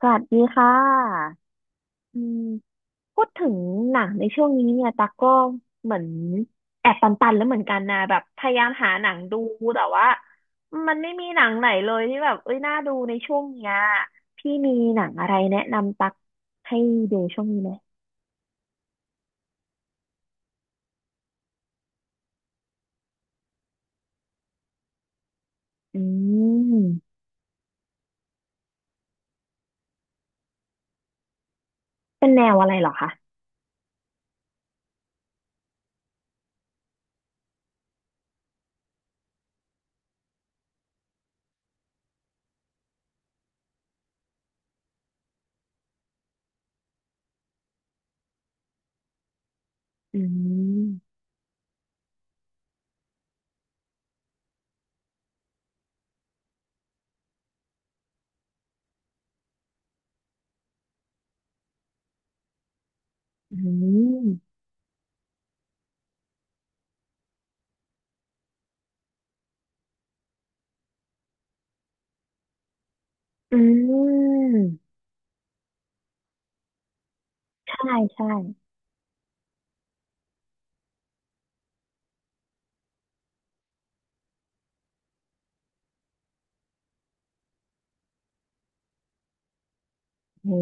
สวัสดีค่ะอืมพูดถึงหนังในช่วงนี้เนี่ยตากก็เหมือนแอบตันๆแล้วเหมือนกันนะแบบพยายามหาหนังดูแต่ว่ามันไม่มีหนังไหนเลยที่แบบเอ้ยน่าดูในช่วงเนี้ยพี่มีหนังอะไรแนะนำตักให้ดูช่วงนี้ไหมอืมเป็นแนวอะไรเหรอคะอืมอืมอืมใช่ใช่โอ้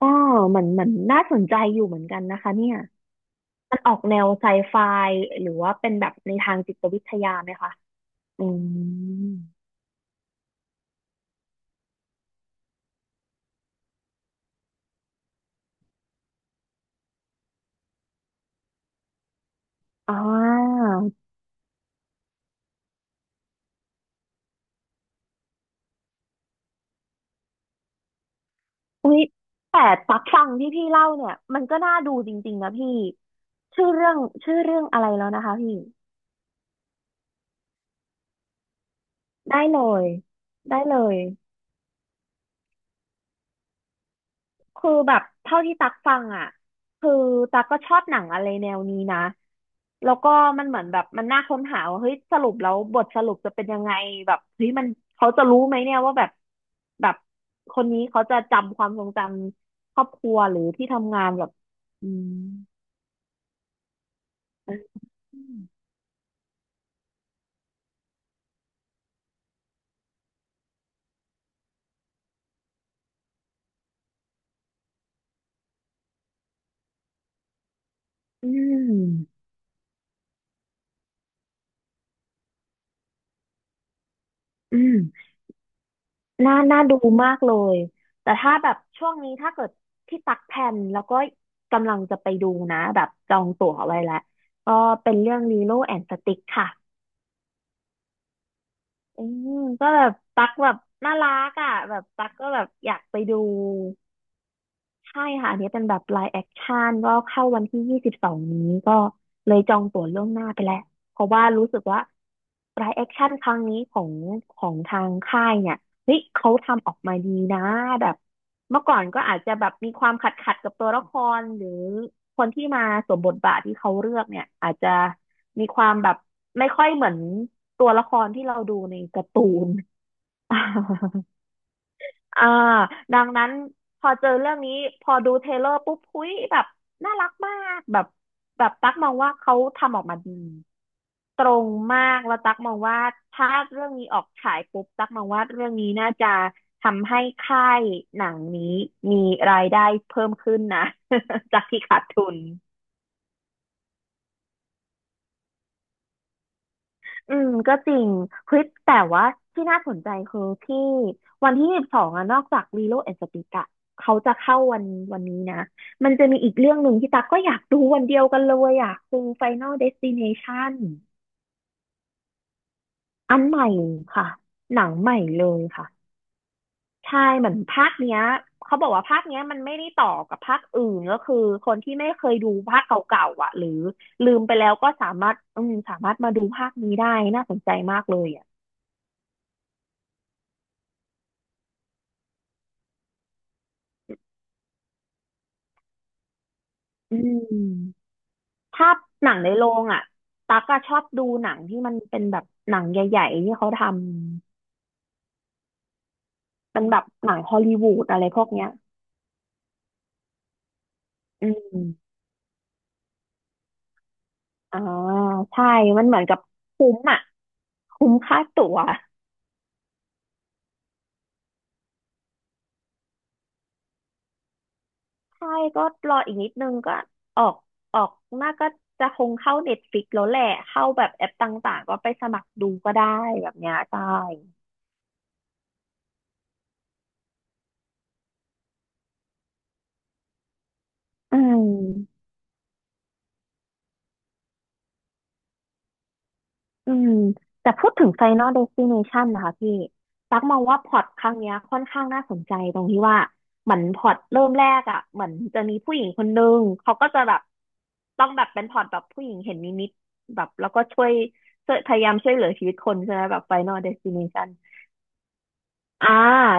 กอเหมือนเหมือนน่าสนใจอยู่เหมือนกันนะคะเนี่ย มันออกแนวไซไฟหรือว่าเป็นแบบในทางจิตวิทยาไหมคะ อืมอ่าอุ๊ยแต่ตักฟังที่พี่เล่าเนี่ยมันก็น่าดูจริงๆนะพี่ชื่อเรื่องชื่อเรื่องอะไรแล้วนะคะพี่ได้เลยได้เลย คือแบบเท่าที่ตักฟังอ่ะคือตักก็ชอบหนังอะไรแนวนี้นะแล้วก็มันเหมือนแบบมันน่าค้นหาว่าเฮ้ยสรุปแล้วบทสรุปจะเป็นยังไงแบบเฮ้ยมันเขาจะรู้ไหมเนี่ยว่าแบบคนนี้เขาจะจำความทรงจำครอบครัวหรือที่ทำงานแบบอืมอืมอืม น่าดูมากเลย แต่ถ้าแบบช่วงนี้ถ้าเกิดที่ตักแผ่นแล้วก็กำลังจะไปดูนะแบบจองตั๋วไว้แล้วก็เป็นเรื่องลีโลแอนด์สติกค่ะอืมก็แบบตักแบบน่ารักอ่ะแบบตักก็แบบอยากไปดู ใช่ค่ะอันนี้เป็นแบบ live action ก็เข้าวันที่22นี้ก็เลยจองตั๋วล่วงหน้าไปแล้วเพราะว่ารู้สึกว่า live action ครั้งนี้ของทางค่ายเนี่ยเฮ้ยเขาทำออกมาดีนะแบบเมื่อก่อนก็อาจจะแบบมีความขัดกับตัวละครหรือคนที่มาสวมบทบาทที่เขาเลือกเนี่ยอาจจะมีความแบบไม่ค่อยเหมือนตัวละครที่เราดูในการ์ตูน อ่าดังนั้นพอเจอเรื่องนี้พอดูเทรลเลอร์ปุ๊บหุ้ยแบบน่ารักมากแบบตั๊กมองว่าเขาทำออกมาดีตรงมากแล้วตั๊กมองว่าถ้าเรื่องนี้ออกฉายปุ๊บตั๊กมองว่าเรื่องนี้น่าจะทำให้ค่ายหนังนี้มีรายได้เพิ่มขึ้นนะ จากที่ขาดทุน อืมก็จริงเฮ้ยแต่ว่าที่น่าสนใจคือที่วันที่ยี่สิบสองอะนอกจากลีโลแอนด์สติกอะเขาจะเข้าวันนี้นะมันจะมีอีกเรื่องหนึ่งที่ตั๊กก็อยากดูวันเดียวกันเลยอะคือ Final Destination อันใหม่ค่ะหนังใหม่เลยค่ะใช่เหมือนภาคเนี้ยเขาบอกว่าภาคเนี้ยมันไม่ได้ต่อกับภาคอื่นก็คือคนที่ไม่เคยดูภาคเก่าๆอ่ะหรือลืมไปแล้วก็สามารถอืมสามารถมาดูภาคนี้ได้น่าสนใจมากเลยอ่ะอืม ถ้าหนังในโรงอ่ะตั๊กอะชอบดูหนังที่มันเป็นแบบหนังใหญ่ๆที่เขาทำเป็นแบบหนังฮอลลีวูดอะไรพวกเนี้ย อืมอ่าใช่ มันเหมือนกับคุ้มอ่ะ คุ้มค่าตั๋วใช่ ก็รออีกนิดนึงก็ออกออกน้ากก็จะคงเข้าเน็ตฟ i ิกแล้วแหละ เข้าแบบแอปต่างๆก็ไปสมัครดูก็ได้แบบเนี้ยใช่อืม อืมแต่พูดถึง Final Destination นะคะพี่ตักมองว่าพล็อตครั้งเนี้ยค่อนข้างน่าสนใจตรงที่ว่าเหมือนพล็อตเริ่มแรกอ่ะเหมือนจะมีผู้หญิงคนนึงเขาก็จะแบบต้องแบบเป็นพล็อตแบบผู้หญิงเห็นนิมิตแบบแล้วก็ช่วยพยายามช่วยเหลือชีวิตคนใช่ไหมแบบ Final Destination อ่า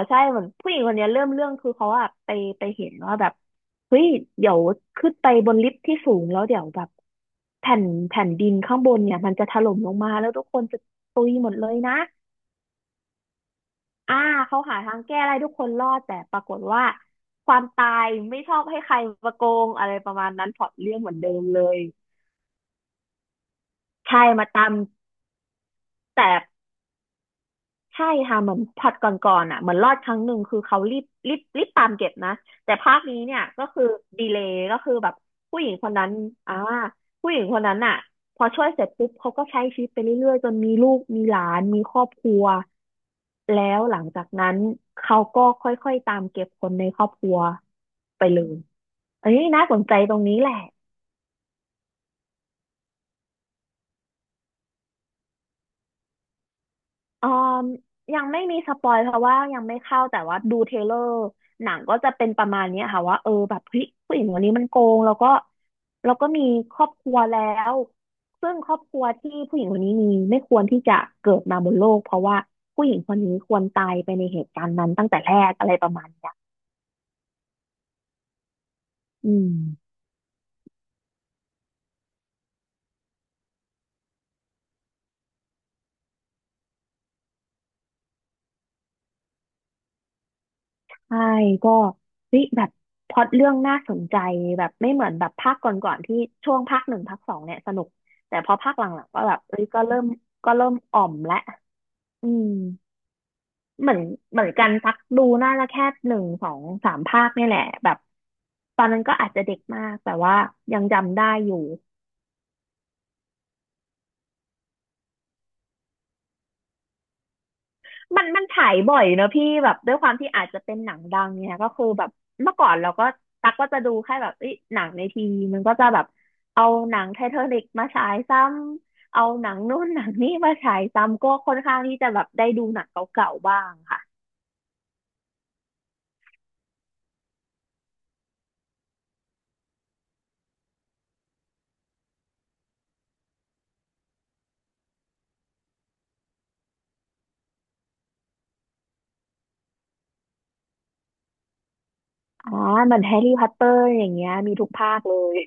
ใช่เหมือนผู้หญิงคนเนี้ยเริ่มเรื่องคือเขาอะไปเห็นว่าแบบเฮ้ยเดี๋ยวขึ้นไปบนลิฟต์ที่สูงแล้วเดี๋ยวแบบแผ่นแผ่นดินข้างบนเนี่ยมันจะถล่มลงมาแล้วทุกคนจะตุยหมดเลยนะอ่าเขาหาทางแก้ได้ทุกคนรอดแต่ปรากฏว่าความตายไม่ชอบให้ใครมาโกงอะไรประมาณนั้นพล็อตเรื่องเหมือนเดิมเลยใช่มาตามแต่ ใช่ค่ะเหมือนผลัดก่อนๆอ่ะเหมือนรอดครั้งหนึ่งคือเขารีบตามเก็บนะแต่ภาคนี้เนี่ยก็คือดีเลย์ก็คือแบบผู้หญิงคนนั้นอ่าผู้หญิงคนนั้นอ่ะพอช่วยเสร็จปุ๊บเขาก็ใช้ชีวิตไปเรื่อยๆจนมีลูกมีหลานมีครอบครัวแล้วหลังจากนั้นเขาก็ค่อยๆตามเก็บคนในครอบครัวไปเลยเอ้ยน่าสนใจตรงนี้แหละ เอ่อยังไม่มีสปอยเพราะว่ายังไม่เข้าแต่ว่าดูเทรลเลอร์หนังก็จะเป็นประมาณเนี้ยค่ะว่าเออแบบเฮ้ยผู้หญิงคนนี้มันโกงแล้วก็แล้วก็มีครอบครัวแล้วซึ่งครอบครัวที่ผู้หญิงคนนี้มีไม่ควรที่จะเกิดมาบนโลกเพราะว่าผู้หญิงคนนี้ควรตายไปในเหตุการณ์นั้นตั้งแต่แรกอะไรประมาณเนี้ยอืม ใช่ก็เฮ้ยแบบพล็อตเรื่องน่าสนใจแบบไม่เหมือนแบบภาคก่อนๆที่ช่วงภาคหนึ่งภาคสองเนี่ยสนุกแต่พอภาคหลังๆก็แบบเอ้ยก็เริ่มก็เริ่มอ่อมและอืมเหมือนเหมือนกันสักดูน่าจะแค่หนึ่งสองสามภาคนี่แหละแบบตอนนั้นก็อาจจะเด็กมากแต่ว่ายังจำได้อยู่ มันมันฉายบ่อยเนอะพี่แบบด้วยความที่อาจจะเป็นหนังดังเนี่ยก็คือแบบเมื่อก่อนเราก็ตักก็จะดูแค่แบบเอ้ยหนังในทีวีมันก็จะแบบเอาหนังไททานิกมาฉายซ้ำเอาหนังนู่นหนังนี่มาฉายซ้ำก็ค่อนข้างที่จะแบบได้ดูหนังเก่าๆบ้างค่ะอ่าเหมือนแฮร์รี่พอตเตอร์อย่างเงี้ยมีทุกภาคเลย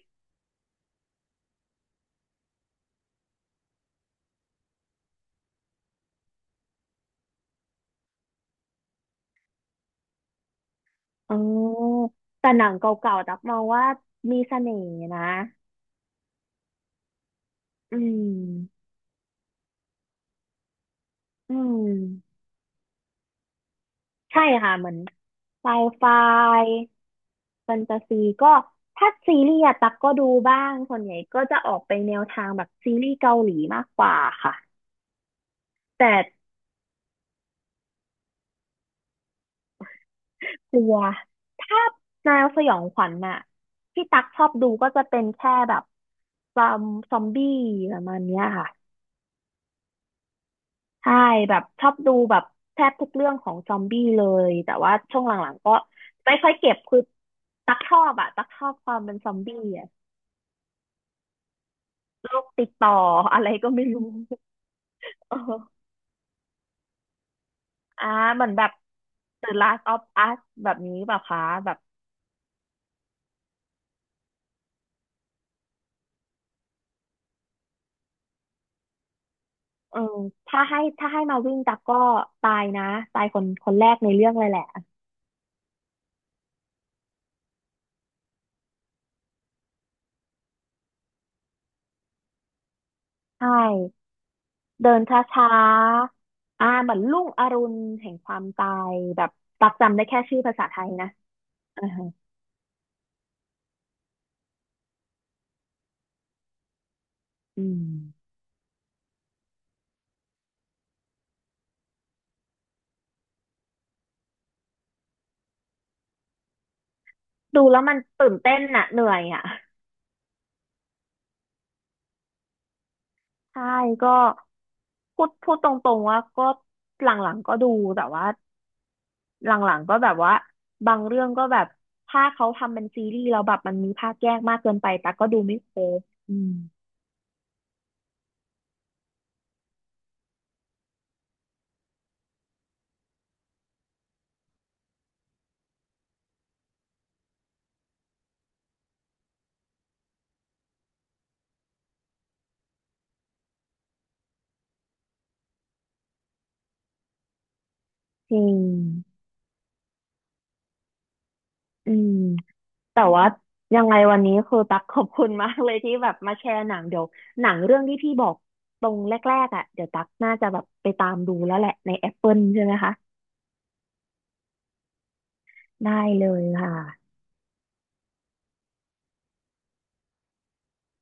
อ๋อแต่หนังเก่าๆตักมองว่ามีเสน่ห์นะอืมอืม ใช่ค่ะเหมือนไซไฟแฟนตาซีก็ถ้าซีรีส์อะตักก็ดูบ้างส่วนใหญ่ก็จะออกไปแนวทางแบบซีรีส์เกาหลีมากกว่าค่ะแต่กลัวถ้าแนวสยองขวัญน่ะที่ตักชอบดูก็จะเป็นแค่แบบซอมซอมบี้ประมาณเนี้ยค่ะใช่แบบชอบดูแบบแทบทุกเรื่องของซอมบี้เลยแต่ว่าช่วงหลังๆก็ไม่ค่อยเก็บคือตักชอบอะตักชอบความเป็นซอมบี้อะ โรคติดต่ออะไรก็ไม่รู้ เอออ่าเหมือนแบบ The Last of Us แบบนี้แบบคะแบบเออถ้าให้ถ้าให้มาวิ่งตักก็ตายนะตายคนคนแรกในเรื่องเลยแหละใช่เดินช้าๆอ่าเหมือนรุ่งอรุณแห่งความตายแบบตักจำได้แค่ชื่อภาษาไทยนะอ่าฮะอืมดูแล้วมันตื่นเต้นน่ะเหนื่อยอ่ะ ใช่ก็พูดพูดตรงๆว่าก็หลังๆก็ดูแต่ว่าหลังๆก็แบบว่าบางเรื่องก็แบบถ้าเขาทำเป็นซีรีส์แล้วแบบมันมีภาคแยกมากเกินไปแต่กก็ดูไม่ครบอืมจริงอืมแต่ว่ายังไงวันนี้คือตักขอบคุณมากเลยที่แบบมาแชร์หนังเดี๋ยวหนังเรื่องที่พี่บอกตรงแรกๆอ่ะเดี๋ยวตักน่าจะแบบไปตามดูแล้วแหละใน Apple ใช่ไหมคะได้เลยค่ะ